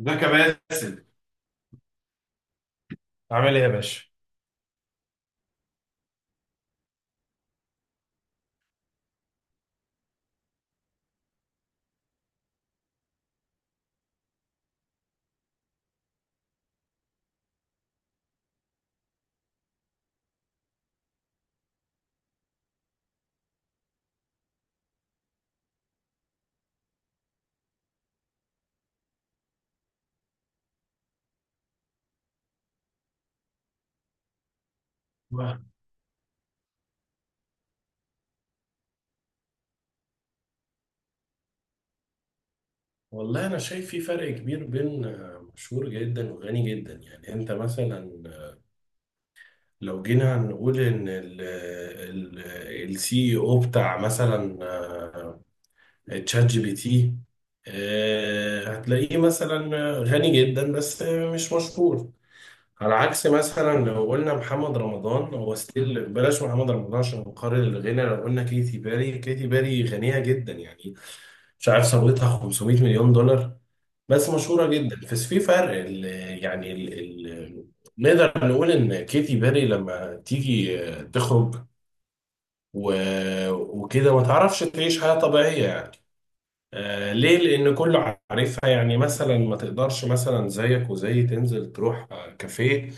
ازيك يا باسل. عامل ايه يا باشا؟ واه. والله أنا شايف في فرق كبير بين مشهور جدا وغني جدا، يعني أنت مثلا لو جينا نقول إن السي اي او بتاع مثلا تشات جي بي تي هتلاقيه مثلا غني جدا بس مش مشهور. على عكس مثلا لو قلنا محمد رمضان، هو ستيل بلاش محمد رمضان عشان نقارن الغنى، لو قلنا كيتي باري، كيتي باري غنية جدا يعني، مش عارف ثروتها 500 مليون دولار بس مشهورة جدا، بس في فرق ال- يعني ال ال نقدر نقول ان كيتي بيري لما تيجي تخرج وكده ما تعرفش تعيش حياة طبيعية يعني. آه ليه؟ لأن كله عارفها، يعني مثلا ما تقدرش مثلا زيك وزي تنزل تروح كافيه،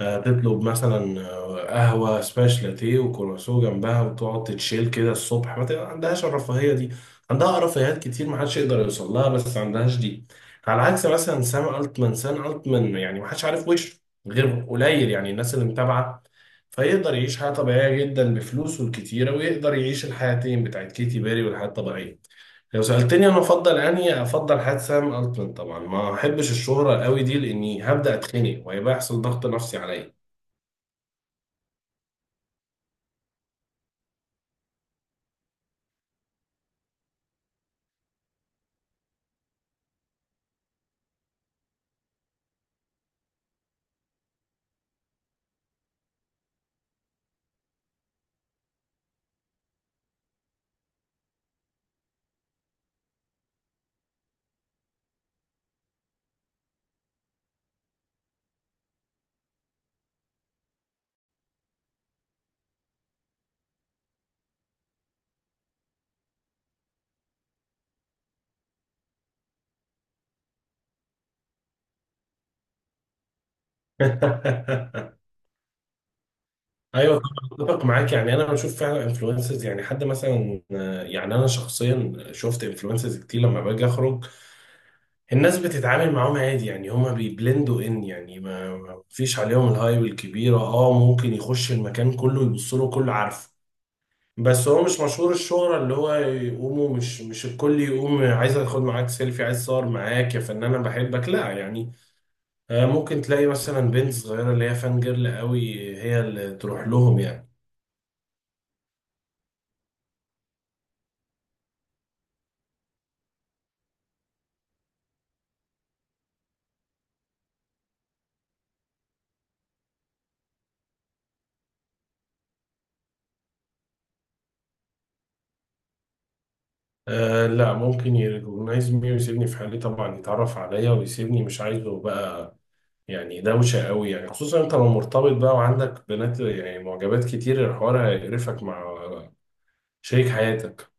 تطلب مثلا قهوة سباش لاتيه وكرواسون جنبها وتقعد تتشيل كده الصبح، ما عندهاش الرفاهية دي. عندها رفاهيات كتير، ما حدش يقدر يوصل لها، بس ما عندهاش دي. على عكس مثلا سام التمان، سام التمان يعني ما حدش عارف وشه غير قليل، يعني الناس اللي متابعة، فيقدر يعيش حياة طبيعية جدا بفلوسه الكتيرة، ويقدر يعيش الحياتين، بتاعت كيتي بيري والحياة الطبيعية. لو سألتني أنا أفضل أنهي، أفضل حياة سام التمان طبعا. ما أحبش الشهرة قوي دي، لأني هبدأ أتخنق وهيبقى يحصل ضغط نفسي عليا. ايوه طبعا اتفق معاك، يعني انا بشوف فعلا انفلونسرز، يعني حد مثلا يعني انا شخصيا شفت انفلونسرز كتير لما باجي اخرج، الناس بتتعامل معاهم عادي، يعني هما بيبلندوا، ان يعني ما فيش عليهم الهايب الكبيره. اه ممكن يخش المكان، كله يبص له، كله عارفه، بس هو مش مشهور الشهرة اللي هو يقوموا مش الكل يقوم عايز اخد معاك سيلفي، عايز اتصور معاك يا فنان انا بحبك، لا يعني. ممكن تلاقي مثلا بنت صغيرة اللي هي فان جيرل قوي، هي اللي تروح لهم يعني. آه لا، ممكن يريكوجنايز مي ويسيبني في حالي طبعا، يتعرف عليا ويسيبني، مش عايزه بقى. يعني دوشة قوي يعني، خصوصا انت لو مرتبط بقى وعندك بنات يعني معجبات كتير، الحوار هيقرفك مع شريك حياتك.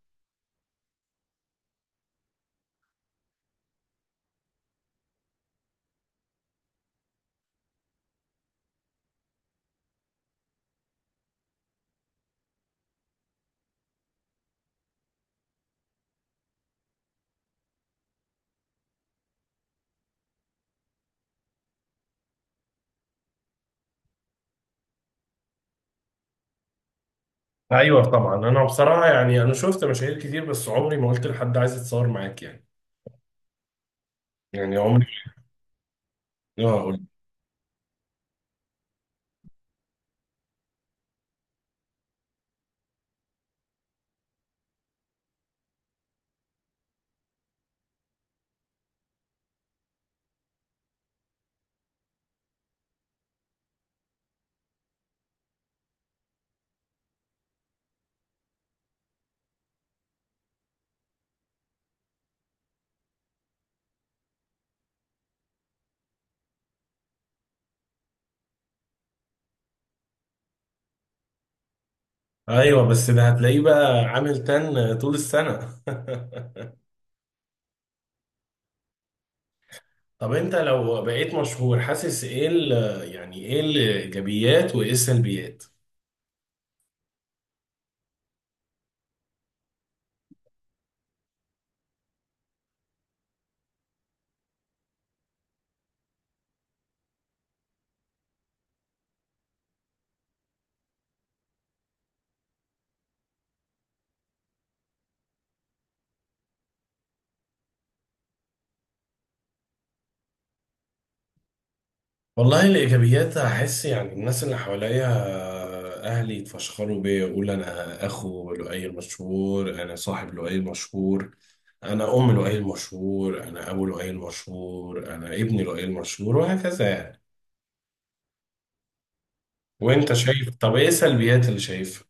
ايوه طبعا، انا بصراحة يعني انا شفت مشاهير كتير بس عمري ما قلت لحد عايز اتصور معاك يعني. يعني عمري، اه قلت. ايوه بس ده هتلاقيه بقى عامل تن طول السنة. طب انت لو بقيت مشهور حاسس ايه يعني ايه الايجابيات وايه السلبيات؟ والله الإيجابيات، أحس يعني الناس اللي حواليا أهلي يتفشخروا بيا، يقولوا أنا أخو لؤي مشهور، أنا صاحب لؤي مشهور، أنا أم لؤي مشهور، أنا أبو لؤي مشهور، أنا ابن لؤي مشهور، وهكذا يعني. وأنت شايف، طب إيه السلبيات اللي شايفها؟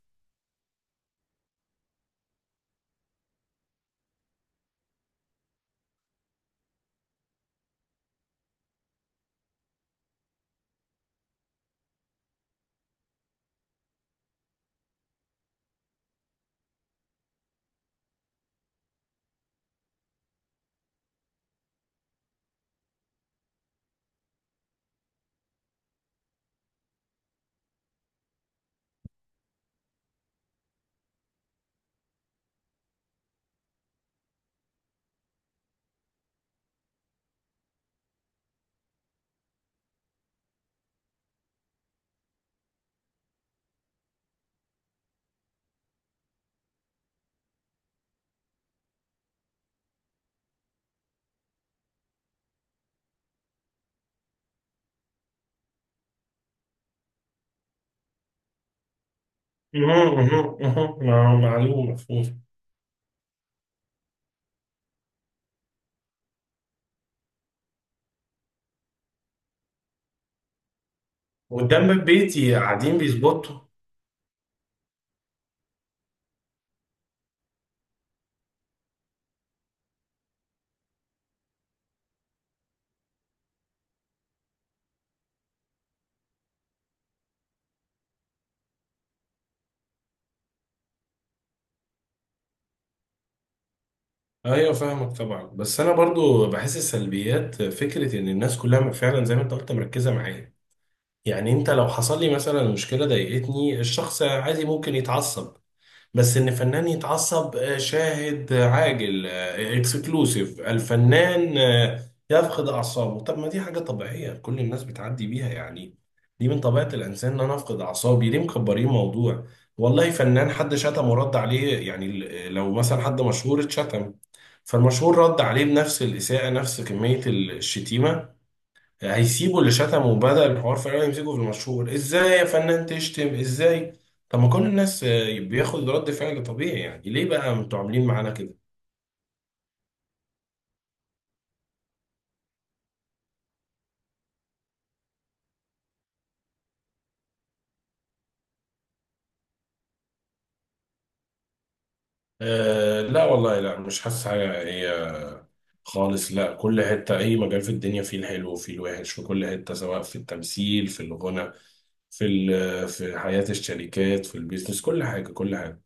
مهم، مهم، مهم. معلوم، مفهوم. قدام باب بيتي قاعدين بيظبطوا. ايوه فاهمك طبعا، بس انا برضو بحس السلبيات فكره ان الناس كلها فعلا زي ما انت قلت مركزه معايا، يعني انت لو حصل لي مثلا مشكله ضايقتني، الشخص عادي ممكن يتعصب، بس ان فنان يتعصب شاهد عاجل اكسكلوسيف، الفنان يفقد اعصابه. طب ما دي حاجه طبيعيه كل الناس بتعدي بيها يعني، دي من طبيعه الانسان ان انا افقد اعصابي، ليه مكبرين موضوع؟ والله فنان حد شتم ورد عليه يعني لو مثلا حد مشهور اتشتم، فالمشهور رد عليه بنفس الاساءه نفس كميه الشتيمه، هيسيبوا اللي شتمه وبدأ الحوار، فعلا يمسكوا في المشهور، ازاي يا فنان تشتم، ازاي؟ طب ما كل الناس بياخد رد فعل طبيعي، يعني ليه بقى انتوا عاملين معانا كده؟ آه لا والله، لا مش حاسس حاجة، هي خالص لا، كل حتة، أي مجال في الدنيا فيه الحلو وفيه الوحش، في كل حتة، سواء في التمثيل، في الغنى، في في حياة الشركات، في البيزنس، كل حاجة، كل حاجة.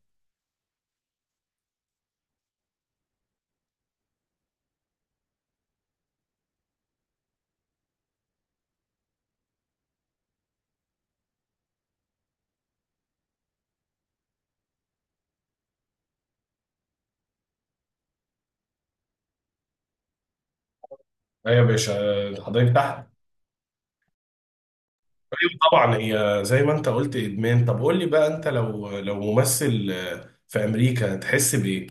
أيوة يا باشا. حضرتك تحت. أيوة طبعا، هي زي ما انت قلت ادمان. طب قول لي بقى، انت لو ممثل في امريكا، تحس بايه؟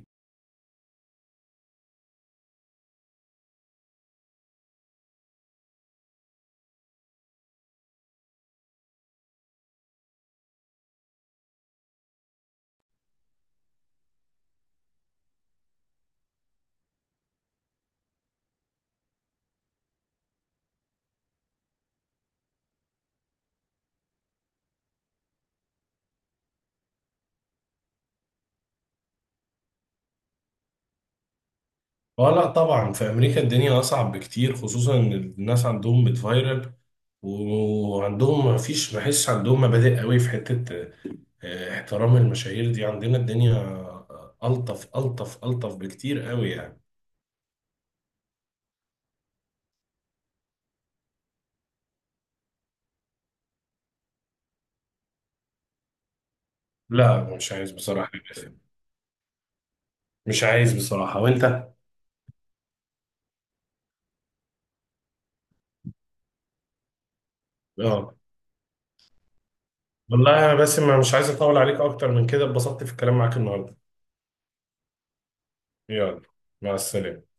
اه لا طبعا، في امريكا الدنيا اصعب بكتير، خصوصا ان الناس عندهم بتفايرل، وعندهم ما حسش عندهم مبادئ قوي في حتة احترام المشاهير دي. عندنا الدنيا الطف الطف الطف بكتير قوي يعني. لا مش عايز بصراحة يا باسم. مش عايز بصراحة، وانت؟ اه والله يا باسم، أنا مش عايز اطول عليك اكتر من كده، اتبسطت في الكلام معاك النهاردة. يلا، مع السلامة.